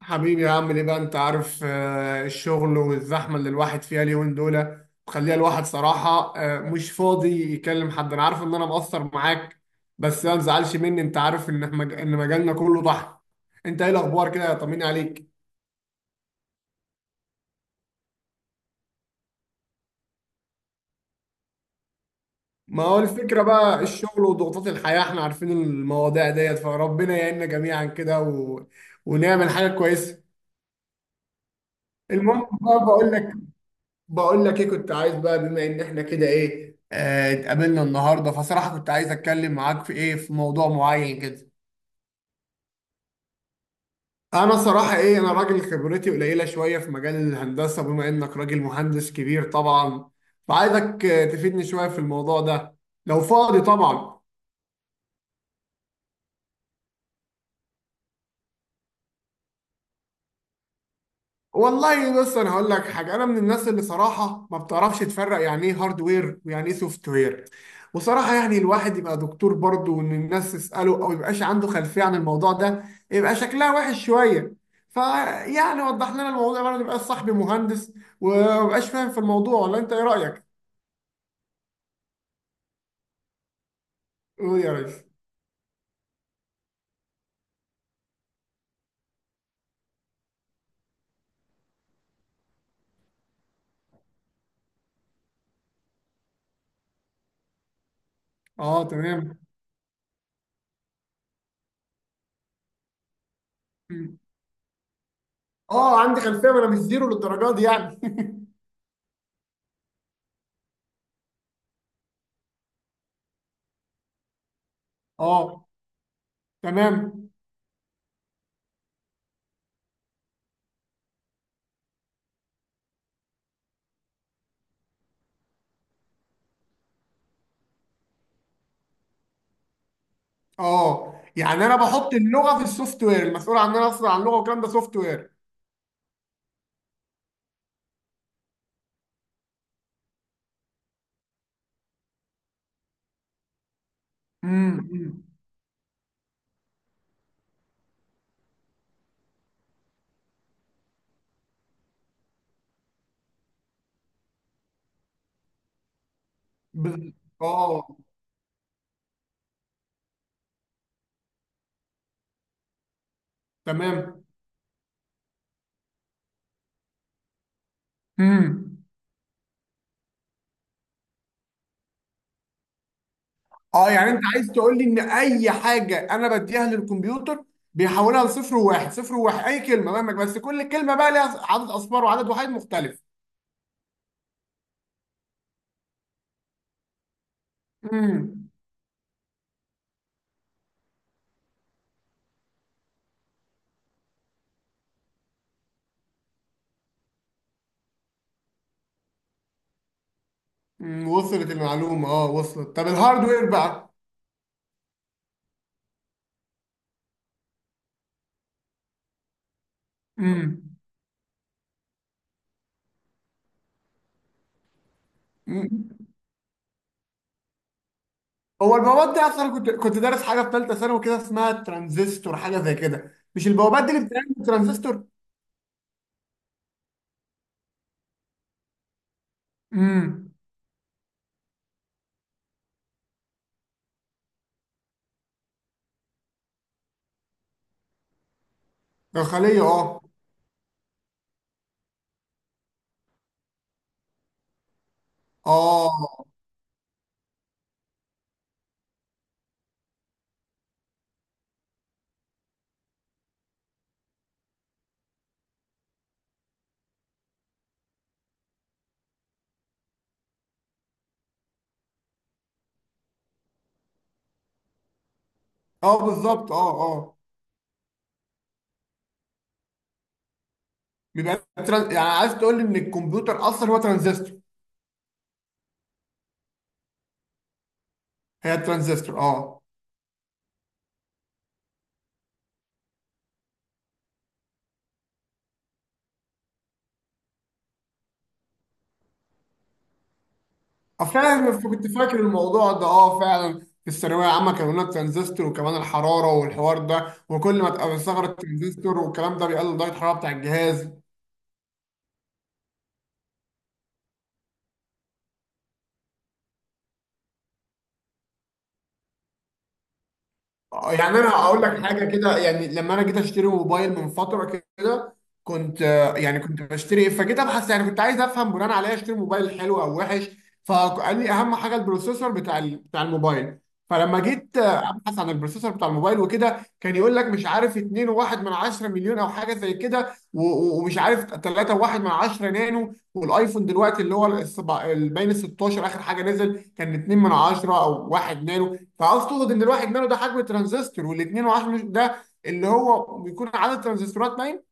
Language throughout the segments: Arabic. حبيبي يا عم، ليه بقى؟ انت عارف، الشغل والزحمه اللي الواحد فيها اليومين دول مخليها الواحد صراحه، مش فاضي يكلم حد. انا عارف ان انا مقصر معاك، بس ما تزعلش مني. انت عارف ان ان مجالنا كله ضحك. انت ايه الاخبار كده؟ طمني عليك. ما هو الفكره بقى، الشغل وضغوطات الحياه، احنا عارفين المواضيع ديت، فربنا يعيننا جميعا كده ونعمل حاجه كويسه. المهم بقى، بقول لك، بقول لك ايه، كنت عايز بقى بما ان احنا كده ايه، اتقابلنا النهارده، فصراحه كنت عايز اتكلم معاك في ايه، في موضوع معين كده. انا صراحه ايه، انا راجل خبرتي قليله شويه في مجال الهندسه، بما انك راجل مهندس كبير طبعا، فعايزك تفيدني شويه في الموضوع ده، لو فاضي طبعا. والله بص انا هقول لك حاجه، انا من الناس اللي صراحه ما بتعرفش تفرق يعني ايه هاردوير ويعني ايه سوفت وير. وصراحه يعني الواحد يبقى دكتور برضه وان الناس تساله او يبقاش عنده خلفيه عن الموضوع ده، يبقى شكلها وحش شويه. فيعني وضح لنا الموضوع برضه، يبقى صاحبي مهندس وما بقاش فاهم في الموضوع، ولا انت ايه رايك؟ قول يا ريس. اه تمام. اه عندي خلفيه، ما انا مش زيرو للدرجه دي يعني. اه تمام. اه يعني انا بحط اللغه في السوفت وير، المسؤول عننا اصلا عن اللغه والكلام ده سوفت وير. امم. بز- اه تمام. امم. اه يعني انت عايز تقول لي ان اي حاجه انا بديها للكمبيوتر بيحولها لصفر وواحد، صفر وواحد، اي كلمه مهما، بس كل كلمه بقى ليها عدد اصفار وعدد وحيد مختلف. امم وصلت المعلومه، اه وصلت. طب الهاردوير بقى؟ امم. هو البوابات دي اصلا كنت دارس حاجه في ثالثه ثانوي كده اسمها ترانزستور، حاجه زي كده، مش البوابات دي اللي بتعمل ترانزستور؟ امم داخليه اه. اه اه بالظبط اه اه. يعني عايز تقول لي ان الكمبيوتر اصلا هو ترانزستور؟ هي الترانزستور اه. فاهم، كنت فاكر الموضوع ده، اه فعلا في الثانويه العامه كانوا لنا الترانزستور، وكمان الحراره والحوار ده، وكل ما تقوي ثغره الترانزستور والكلام ده بيقلل درجه الحراره بتاع الجهاز. يعني انا هقول لك حاجه كده، يعني لما انا جيت اشتري موبايل من فتره كده، كنت يعني كنت بشتري إيه، فجيت ابحث، يعني كنت عايز افهم بناء عليها اشتري موبايل حلو او وحش. فقال لي اهم حاجه البروسيسور بتاع بتاع الموبايل. فلما جيت ابحث عن البروسيسور بتاع الموبايل وكده، كان يقول لك مش عارف 2.1 من 10 مليون او حاجه زي كده، ومش عارف 3.1 من 10 نانو. والايفون دلوقتي اللي هو باين ال 16 اخر حاجه نزل كان 2 من 10 او 1 نانو. فعاوز تقصد ان الواحد نانو ده حجم ترانزستور، والاثنين وعشرة ده اللي هو بيكون عدد ترانزستورات باين.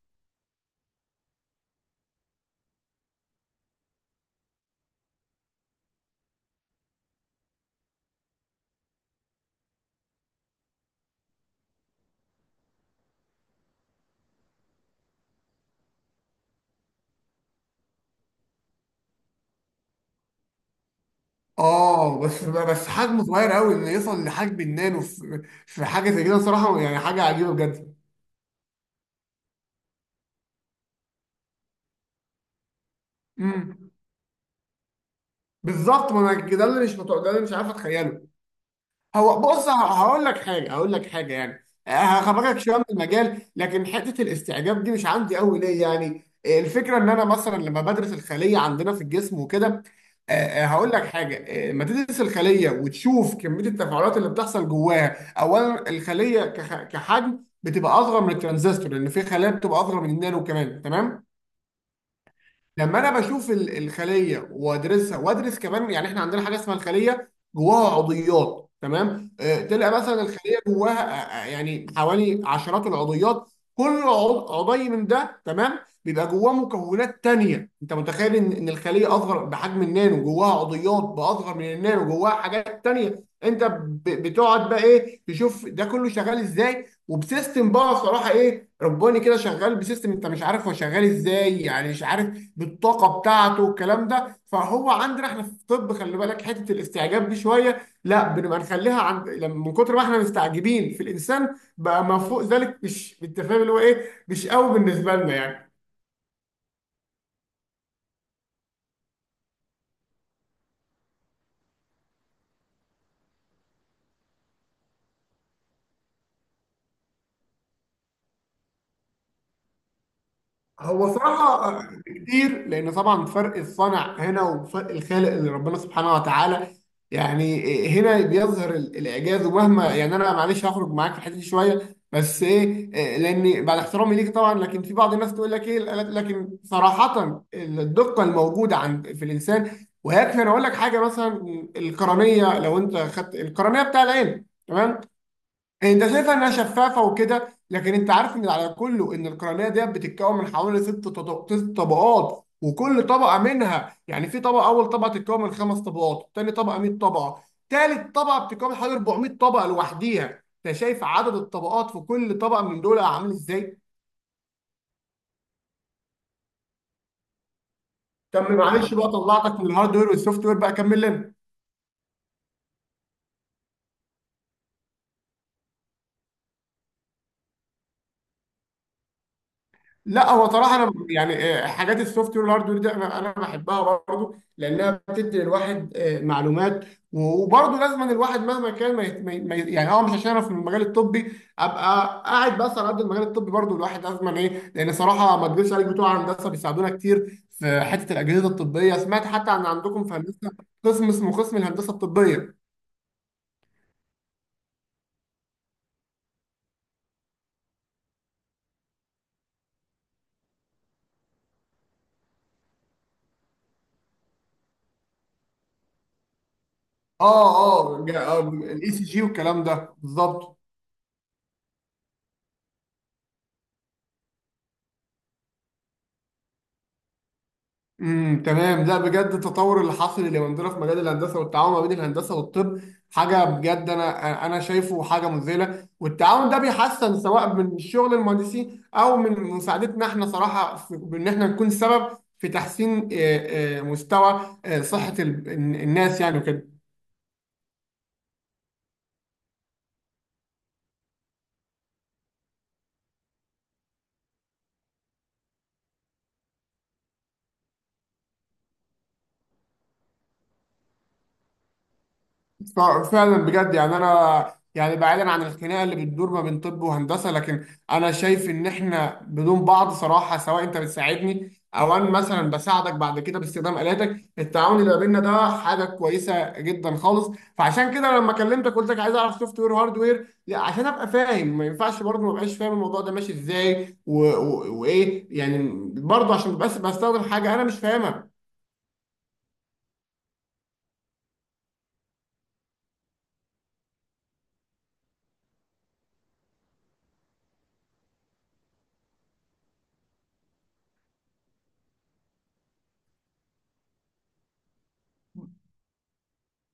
اه بس بس حجمه صغير قوي، انه يوصل لحجم النانو في في حاجه زي كده، صراحه يعني حاجه عجيبه بجد. امم بالظبط، ما انا ده اللي مش متوقع، ده اللي مش عارف اتخيله. هو بص، هقول لك حاجه، هقول لك حاجه يعني، هخبرك شويه من المجال، لكن حته الاستعجاب دي مش عندي قوي ليه، يعني الفكره ان انا مثلا لما بدرس الخليه عندنا في الجسم وكده. آه، آه، هقول لك حاجه آه، لما تدرس الخليه وتشوف كميه التفاعلات اللي بتحصل جواها، اولا الخليه كحجم بتبقى اصغر من الترانزستور، لان في خلايا بتبقى اصغر من النانو كمان. تمام، لما انا بشوف الخليه وادرسها، وادرس كمان يعني، احنا عندنا حاجه اسمها الخليه جواها عضيات، تمام، تلقى مثلا الخليه جواها يعني حوالي عشرات العضيات. كل عضي من ده تمام بيبقى جواه مكونات تانية. انت متخيل ان إن الخليه اصغر بحجم النانو، جواها عضيات باصغر من النانو، جواها حاجات تانية؟ انت بتقعد بقى ايه، تشوف ده كله شغال ازاي، وبسيستم بقى صراحه ايه رباني كده، شغال بسيستم انت مش عارف هو شغال ازاي، يعني مش عارف بالطاقه بتاعته والكلام ده. فهو عندنا احنا في الطب خلي بالك حته الاستعجاب دي شويه لا بنبقى نخليها عند، لما من كتر ما احنا مستعجبين في الانسان بقى، ما فوق ذلك مش بالتفاهم اللي هو ايه، مش قوي بالنسبه لنا يعني. هو صراحة كتير، لأن طبعا فرق الصنع هنا وفرق الخالق اللي ربنا سبحانه وتعالى، يعني هنا بيظهر الإعجاز. ومهما يعني أنا معلش هخرج معاك في الحتة دي شوية، بس إيه لأن بعد احترامي ليك طبعا، لكن في بعض الناس تقول لك إيه، لكن صراحة الدقة الموجودة عند في الإنسان، ويكفي أنا أقول لك حاجة مثلا، القرنية، لو أنت خدت القرنية بتاع العين، تمام؟ انت شايفها انها شفافه وكده، لكن انت عارف ان على كله ان القرنيه ديت بتتكون من حوالي ست طبقات، وكل طبقه منها يعني، في طبقه اول طبقه تتكون من خمس طبقات، تاني طبقه 100 طبقه، تالت طبقه بتتكون من حوالي 400 طبقه لوحديها. انت شايف عدد الطبقات في كل طبقه من دول عامل ازاي؟ طب معلش بقى، طلعتك من الهاردوير والسوفت وير، بقى كمل لنا. لا هو صراحه انا يعني حاجات السوفت وير والهاردوير دي انا بحبها برضه، لانها بتدي الواحد معلومات. وبرضه لازم أن الواحد مهما كان ما يعني اه، مش عشان انا في المجال الطبي ابقى قاعد بس على قد المجال الطبي، برضه الواحد لازم أن ايه، لان صراحه ما اكذبش عليك، بتوع هندسه بيساعدونا كتير في حته الاجهزه الطبيه. سمعت حتى ان عندكم في هندسه قسم اسمه قسم الهندسه الطبيه. اه اه. الاي سي جي والكلام ده بالظبط. تمام. لا بجد التطور اللي حاصل اليومين دول في مجال الهندسه، والتعاون ما بين الهندسه والطب، حاجه بجد انا شايفه حاجه مذهله. والتعاون ده بيحسن، سواء من شغل المهندسين او من مساعدتنا احنا صراحه، في ان احنا نكون سبب في تحسين مستوى صحه الناس يعني وكده. ف- فعلا بجد يعني، انا يعني بعيدا عن الخناقه اللي بتدور ما بين طب وهندسه، لكن انا شايف ان احنا بدون بعض صراحه، سواء انت بتساعدني او انا مثلا بساعدك بعد كده باستخدام الاتك، التعاون اللي ما بيننا ده حاجه كويسه جدا خالص. فعشان كده لما كلمتك قلت لك عايز اعرف سوفت وير هاردوير، عشان ابقى فاهم. ما ينفعش برضه ما ابقاش فاهم الموضوع ده ماشي ازاي وايه يعني، برضه عشان بس بستخدم حاجه انا مش فاهمها.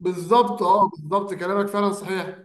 بالظبط اه بالظبط، كلامك فعلا صحيح.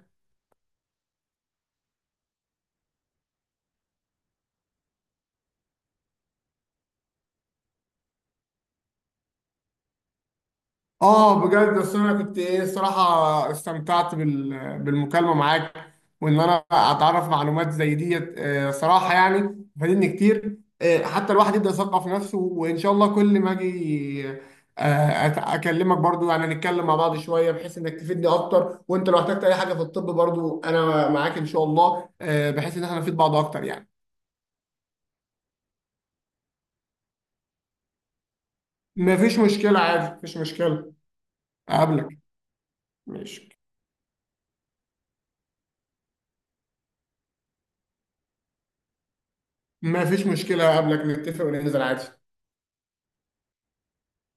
اه بجد، بس انا كنت ايه الصراحه استمتعت بالمكالمه معاك، وان انا اتعرف معلومات زي ديت، صراحه يعني فادتني كتير. حتى الواحد يبدا يثقف نفسه، وان شاء الله كل ما اجي اكلمك برضو، يعني نتكلم مع بعض شويه بحيث انك تفيدني اكتر. وانت لو احتجت اي حاجه في الطب برضو انا معاك ان شاء الله، بحيث ان احنا نفيد بعض اكتر يعني. مفيش مشكله عادي، مفيش مشكله اقابلك، ماشي. مفيش مشكله اقابلك، نتفق وننزل عادي.